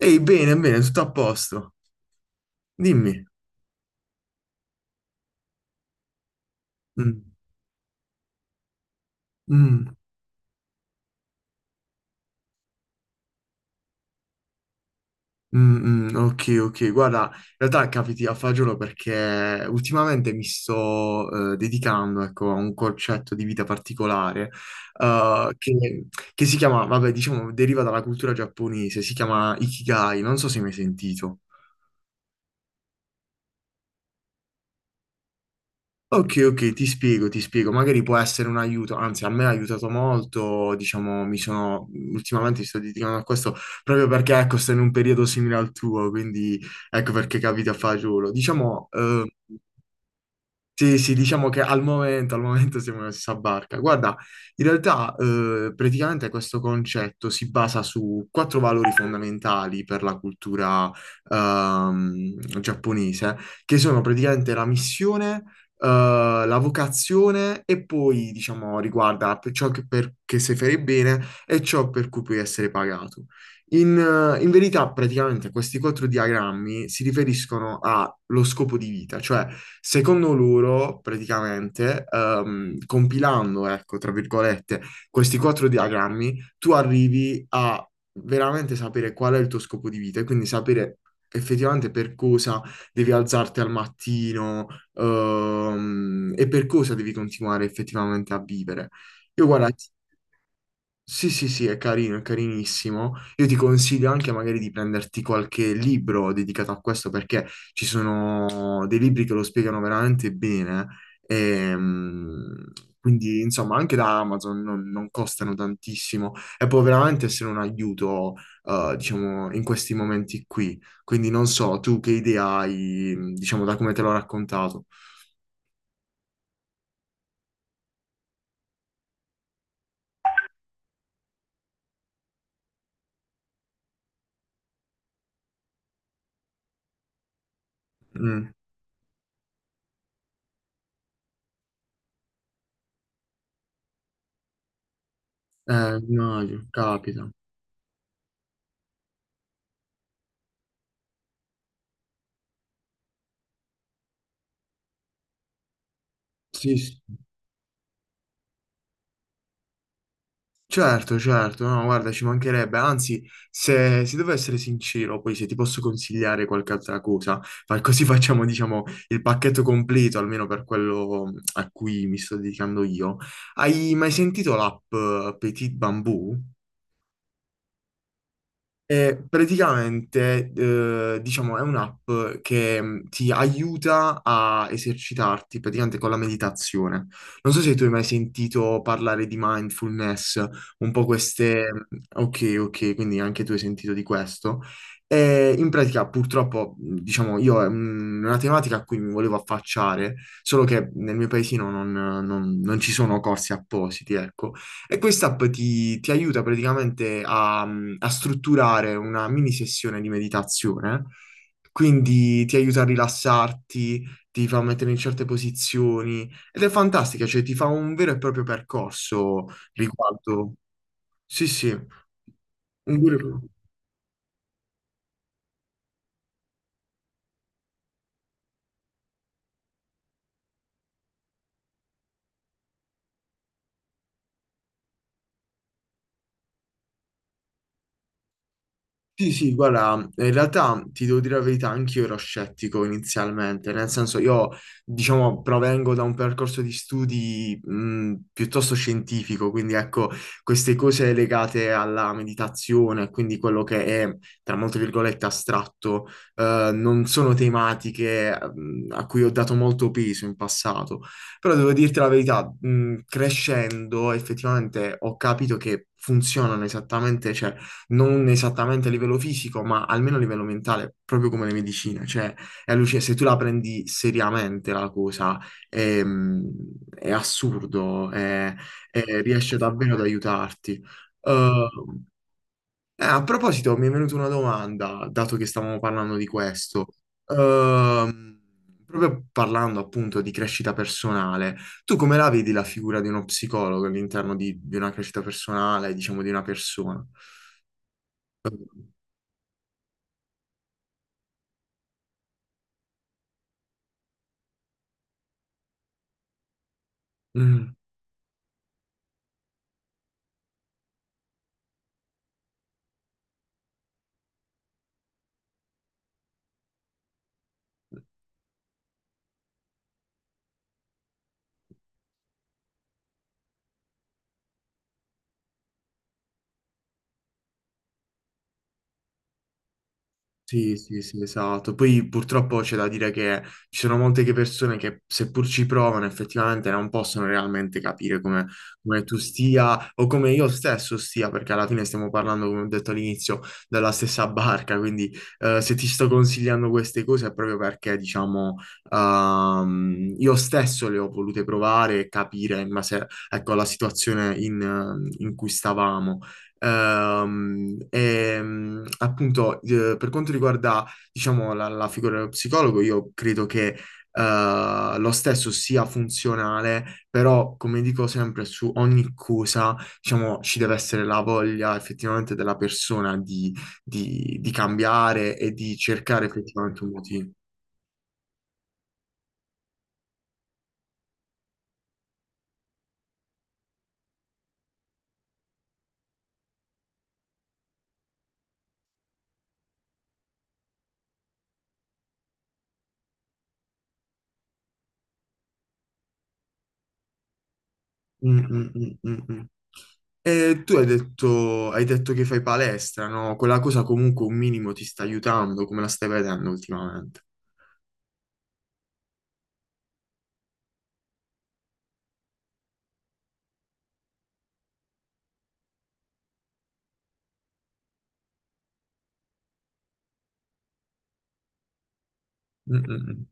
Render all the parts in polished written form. Ehi, bene, bene, tutto a posto. Dimmi. Mm, mm, mm, mm, ok, ok. Guarda, in realtà capiti a fagiolo perché ultimamente mi sto dedicando, ecco, a un concetto di vita particolare eh, che, che si chiama, vabbè, diciamo, deriva dalla cultura giapponese, si chiama Ikigai, non so se mi hai sentito. Ok, ok, ti spiego, ti spiego. Magari può essere un aiuto, anzi, a me ha aiutato molto, diciamo, mi sono, ultimamente mi sto dedicando a questo proprio perché, ecco, sto in un periodo simile al tuo, quindi ecco perché capita a fagiolo. Diciamo, Mm. Sì, sì, diciamo che al momento siamo nella stessa barca. Guarda, in realtà praticamente questo concetto si basa su quattro valori fondamentali per la cultura giapponese, che sono praticamente la missione, la vocazione e poi, diciamo, riguarda per ciò che, che se fai bene e ciò per cui puoi essere pagato. In verità, praticamente, questi quattro diagrammi si riferiscono allo scopo di vita, cioè, secondo loro, praticamente, compilando, ecco, tra virgolette, questi quattro diagrammi, tu arrivi a veramente sapere qual è il tuo scopo di vita e quindi sapere effettivamente per cosa devi alzarti al mattino, e per cosa devi continuare effettivamente a vivere. Io, guarda, sì, sì, sì, è carino, è carinissimo. Io ti consiglio anche magari di prenderti qualche libro dedicato a questo perché ci sono dei libri che lo spiegano veramente bene. Ehm, quindi, insomma, anche da Amazon non costano tantissimo e può veramente essere un aiuto, diciamo, in questi momenti qui. Quindi non so, tu che idea hai, diciamo, da come te l'ho raccontato. Mm. No, capita. Certo, certo, no, guarda, ci mancherebbe. Anzi, se devo essere sincero, poi se ti posso consigliare qualche altra cosa, così facciamo, diciamo, il pacchetto completo, almeno per quello a cui mi sto dedicando io. Hai mai sentito l'app Petit Bamboo? Praticamente, diciamo, è un'app che ti aiuta a esercitarti praticamente con la meditazione. Non so se tu hai mai sentito parlare di mindfulness, un po' queste. Mhmm. Ok, ok, quindi anche tu hai sentito di questo. E in pratica, purtroppo, diciamo, io è una tematica a cui mi volevo affacciare, solo che nel mio paesino non ci sono corsi appositi, ecco. E quest'app ti aiuta praticamente a strutturare una mini sessione di meditazione, quindi ti aiuta a rilassarti, ti fa mettere in certe posizioni ed è fantastica, cioè ti fa un vero e proprio percorso riguardo. Sì, sì, un vero e proprio. Sì, sì, guarda, in realtà ti devo dire la verità, anch'io ero scettico inizialmente, nel senso io, diciamo, provengo da un percorso di studi piuttosto scientifico, quindi ecco, queste cose legate alla meditazione, quindi quello che è, tra molte virgolette, astratto, non sono tematiche a cui ho dato molto peso in passato, però devo dirti la verità, crescendo effettivamente ho capito che funzionano esattamente, cioè non esattamente a livello fisico, ma almeno a livello mentale, proprio come le medicine. Cioè, se tu la prendi seriamente la cosa, è, è assurdo, riesce davvero ad aiutarti. Eh, a proposito, mi è venuta una domanda, dato che stavamo parlando di questo. Ehm, proprio parlando appunto di crescita personale, tu come la vedi la figura di uno psicologo all'interno di una crescita personale, diciamo di una persona? Mm. Sì, sì, sì, esatto. Poi purtroppo c'è da dire che ci sono molte che persone che seppur ci provano effettivamente non possono realmente capire come tu stia o come io stesso stia, perché alla fine stiamo parlando, come ho detto all'inizio, dalla stessa barca, quindi se ti sto consigliando queste cose è proprio perché, diciamo, io stesso le ho volute provare e capire in base, ecco, alla situazione in cui stavamo. Appunto, per quanto riguarda, diciamo, la figura dello psicologo, io credo che lo stesso sia funzionale, però, come dico sempre, su ogni cosa, diciamo, ci deve essere la voglia effettivamente della persona di, di cambiare e di cercare effettivamente un motivo. Mm, mm, mm, mm, mm. E tu hai detto che fai palestra, no? Quella cosa comunque un minimo ti sta aiutando, come la stai vedendo ultimamente? Mm, mm, mm.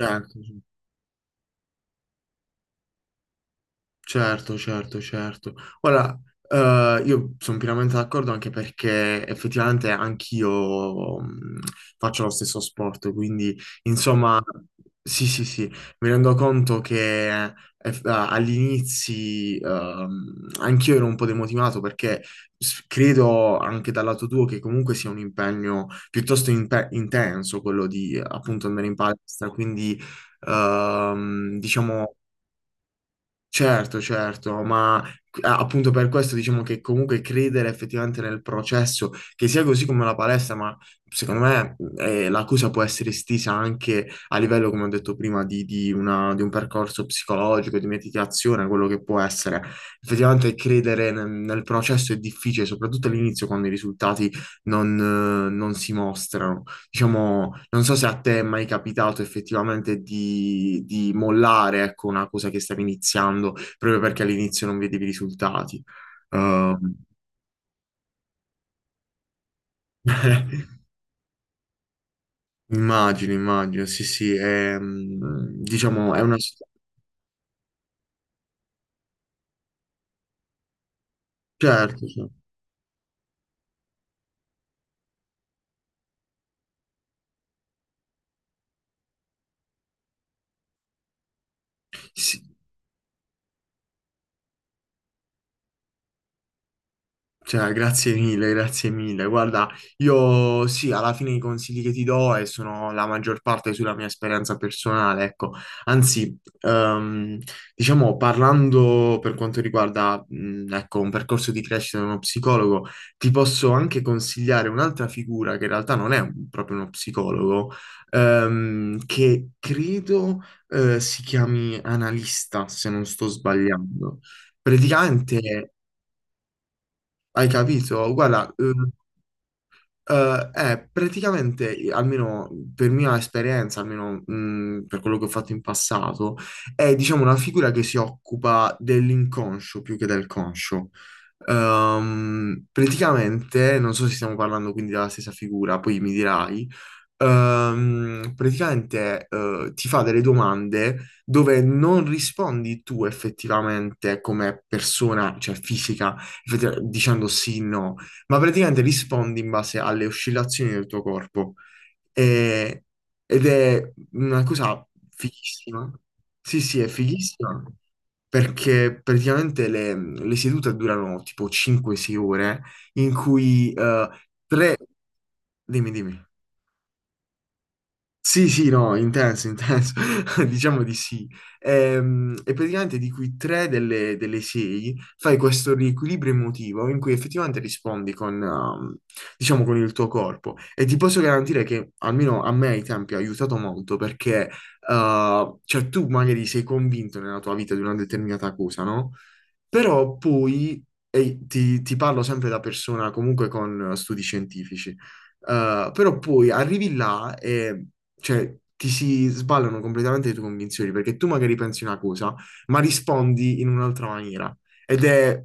Certo, sì. Certo, certo, certo. Ora, io sono pienamente d'accordo anche perché effettivamente anch'io faccio lo stesso sport, quindi insomma, sì, sì, sì, mi rendo conto che agli inizi anch'io ero un po' demotivato perché credo anche dal lato tuo che comunque sia un impegno piuttosto intenso quello di appunto andare in palestra, quindi diciamo. Certo, certo, ma appunto per questo diciamo che comunque credere effettivamente nel processo, che sia così come la palestra, ma secondo me l'accusa può essere estesa anche a livello, come ho detto prima, di, di un percorso psicologico, di meditazione, quello che può essere. Effettivamente credere nel processo è difficile, soprattutto all'inizio quando i risultati non si mostrano. Diciamo, non so se a te è mai capitato effettivamente di mollare, ecco, una cosa che stavi iniziando proprio perché all'inizio non vedevi i risultati. Ehm, Immagino, immagino, sì, sì, è, diciamo, è una so-. Certo, sì. Sì. Cioè, grazie mille, grazie mille. Guarda, io sì, alla fine i consigli che ti do e sono la maggior parte sulla mia esperienza personale, ecco. Anzi, diciamo, parlando per quanto riguarda, ecco, un percorso di crescita di uno psicologo, ti posso anche consigliare un'altra figura che in realtà non è proprio uno psicologo, che credo, si chiami analista, se non sto sbagliando. Praticamente hai capito? Guarda, è praticamente, almeno per mia esperienza, almeno per quello che ho fatto in passato, è diciamo una figura che si occupa dell'inconscio più che del conscio. Praticamente, non so se stiamo parlando quindi della stessa figura, poi mi dirai, praticamente ti fa delle domande dove non rispondi tu effettivamente come persona, cioè fisica effettivamente, dicendo sì, no ma praticamente rispondi in base alle oscillazioni del tuo corpo. E- ed è una cosa fighissima. Sì, sì, è fighissima perché praticamente le sedute durano tipo 5-6 ore in cui tre. Dimmi, dimmi. Sì, sì, no, intenso, intenso, diciamo di sì. E, praticamente di cui tre delle sei fai questo riequilibrio emotivo in cui effettivamente rispondi con, diciamo, con il tuo corpo. E ti posso garantire che almeno a me ai tempi ha aiutato molto perché, cioè, tu magari sei convinto nella tua vita di una determinata cosa, no? Però poi, e ti parlo sempre da persona comunque con studi scientifici, però poi arrivi là e cioè, ti si sballano completamente le tue convinzioni perché tu magari pensi una cosa, ma rispondi in un'altra maniera. Ed è,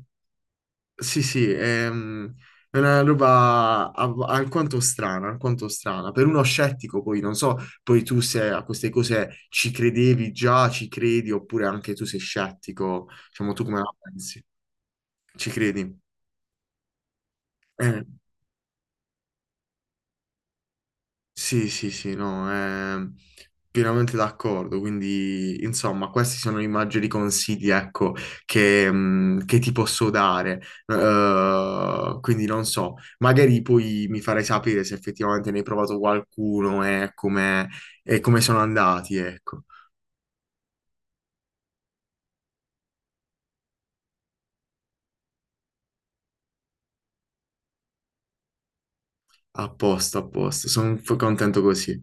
sì, sì, è, è una roba alquanto strana, alquanto strana. Per uno scettico poi, non so, poi tu se a queste cose ci credevi già, ci credi, oppure anche tu sei scettico, diciamo, tu come la pensi? Ci credi? Eh, sì, sì, sì, no, pienamente d'accordo. Quindi, insomma, questi sono i maggiori consigli, ecco, che ti posso dare. Quindi non so, magari poi mi farai sapere se effettivamente ne hai provato qualcuno e come sono andati, ecco. A posto, a posto. Sono contento così.